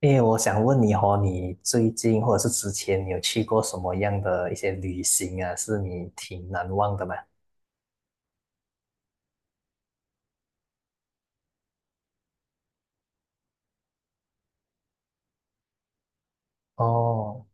因为我想问你哦，你最近或者是之前，你有去过什么样的一些旅行啊？是你挺难忘的吗？哦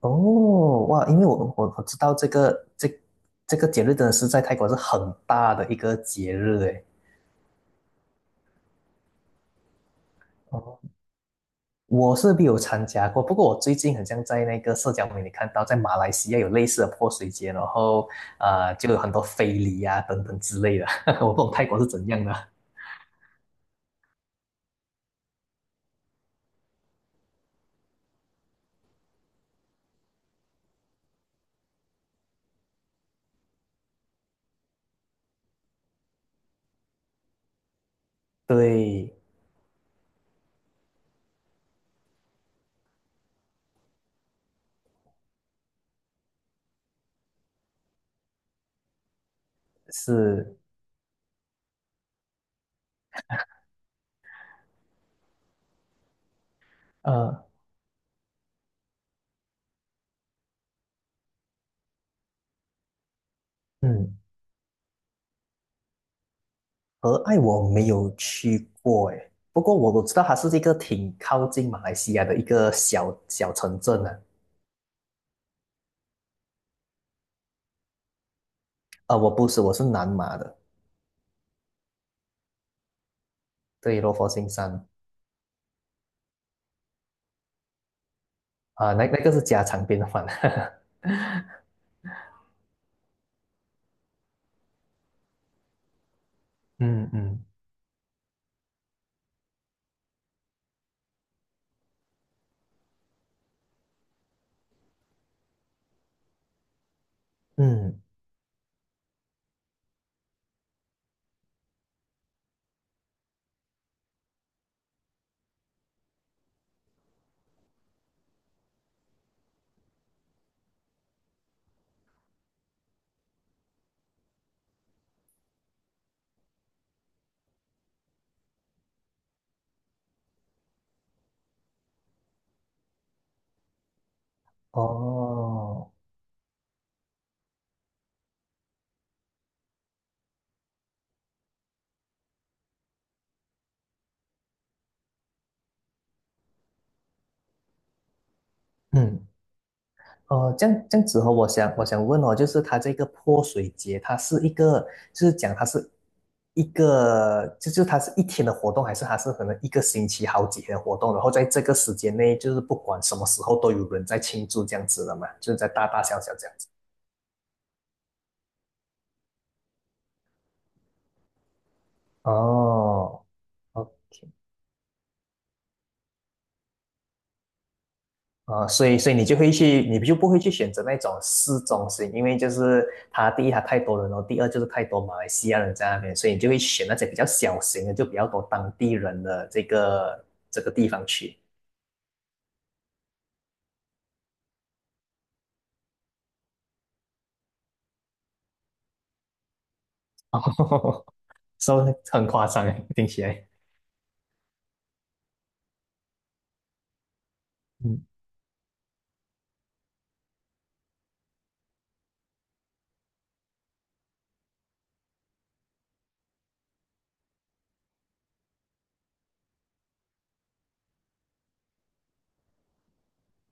哦哇！因为我知道这个节日真的是在泰国是很大的一个节日诶。哦，我是没有参加过，不过我最近很像在那个社交媒体看到，在马来西亚有类似的泼水节，然后就有很多非礼啊等等之类的，我不懂泰国是怎样的。对，是，呃。嗯。和爱我没有去过诶，不过我知道它是一个挺靠近马来西亚的一个小小城镇啊。啊、我不是，我是南马的，对，罗佛新山。啊、那那个是家常便饭。嗯嗯嗯，哦，嗯。哦，这样这样子哦，我想问哦，就是它这个泼水节，它是一个，就是讲它是一个，就它是一天的活动，还是它是可能一个星期好几天的活动，然后在这个时间内，就是不管什么时候都有人在庆祝这样子的嘛，就是在大大小小这样子。哦啊，所以你就会去，你就不会去选择那种市中心，因为就是它第一它太多人了，第二就是太多马来西亚人在那边，所以你就会选那些比较小型的，就比较多当地人的这个地方去。哦，说很夸张诶，听起来。嗯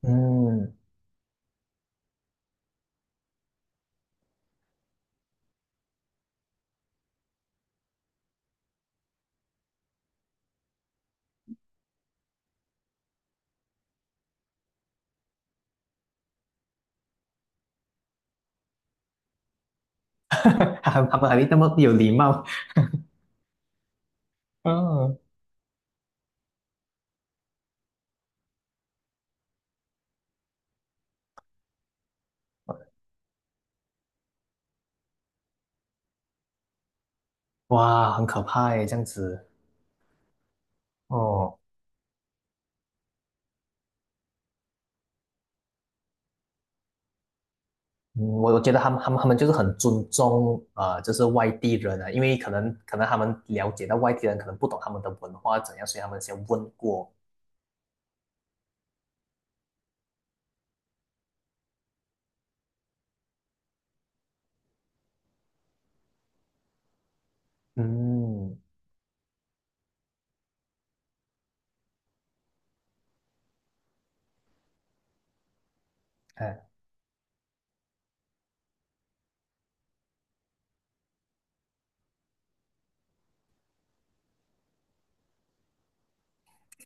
嗯，他们那么有礼貌。嗯，哇，很可怕诶，这样子。哦。嗯，我觉得他们就是很尊重就是外地人啊，因为可能他们了解到外地人可能不懂他们的文化怎样，所以他们先问过，嗯，哎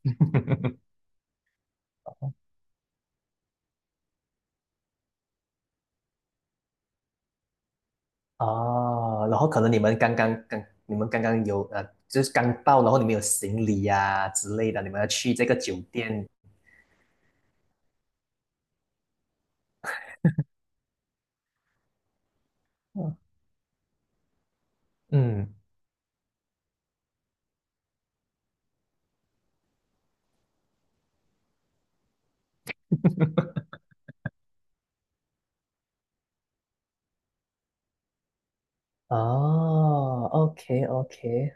哦，然后可能你们刚刚有就是刚到，然后你们有行李呀、之类的，你们要去这个酒店，嗯嗯，哦，OK OK，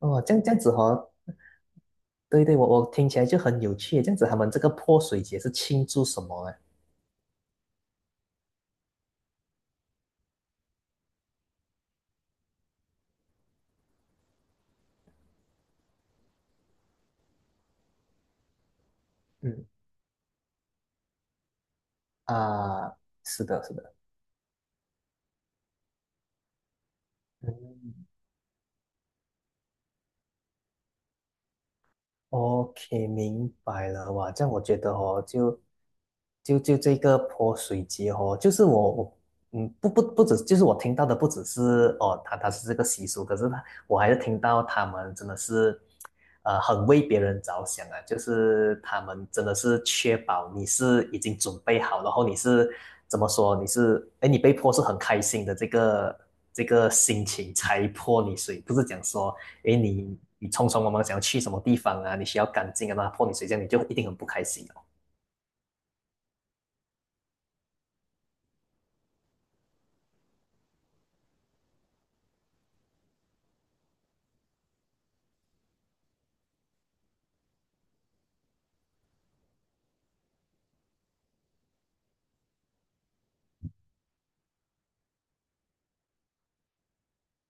哦，这样这样子哦。对对，我我听起来就很有趣，这样子他们这个泼水节是庆祝什么呢？啊，是的，是的，嗯，OK，明白了。哇，这样我觉得哦，就这个泼水节哦，就是我我嗯，不止，就是我听到的不只是哦，他他是这个习俗，可是他我还是听到他们真的是很为别人着想啊，就是他们真的是确保你是已经准备好，然后你是怎么说，你是你被泼是很开心的这个心情才泼你水，不是讲说。因为你匆匆忙忙想要去什么地方啊，你需要干净啊，那他破你水这样你就一定很不开心哦。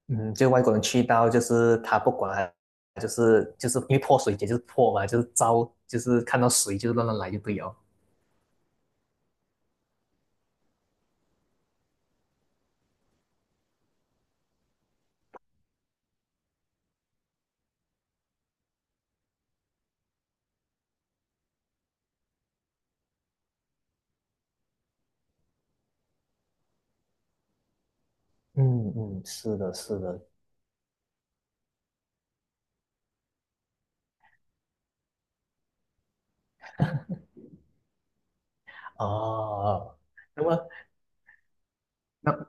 嗯，就外国人去到就是他不管啊，就是因为泼水节就是泼嘛，就是招就是看到水就乱乱来就对哦。嗯嗯，是的，是的，哦，那么那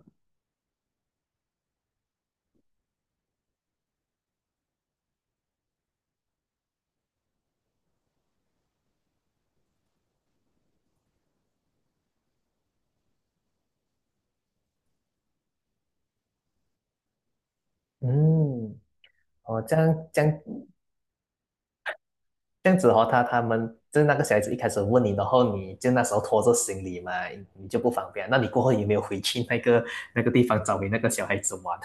嗯，哦，这样子哦，他他们就是那个小孩子一开始问你，然后你就那时候拖着行李嘛，你就不方便。那你过后有没有回去那个地方找你那个小孩子玩？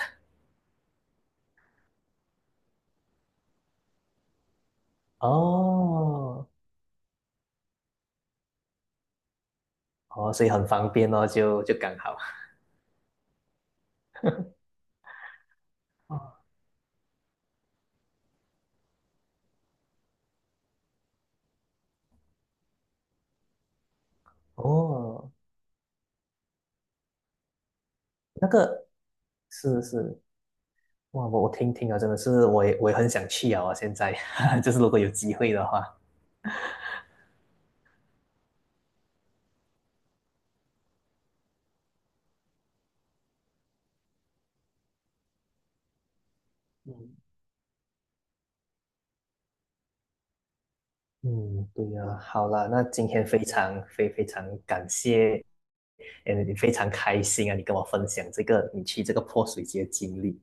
哦，哦，所以很方便哦，就就刚好。哦，哦，那个。是是，哇，我听听啊，真的是，我也很想去啊，现在 就是如果有机会的话。嗯嗯，对呀，好啦，那今天非常感谢，嗯，非常开心啊，你跟我分享这个你去这个泼水节的经历。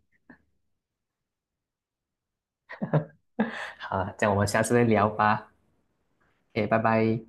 好，这样我们下次再聊吧。OK，拜拜。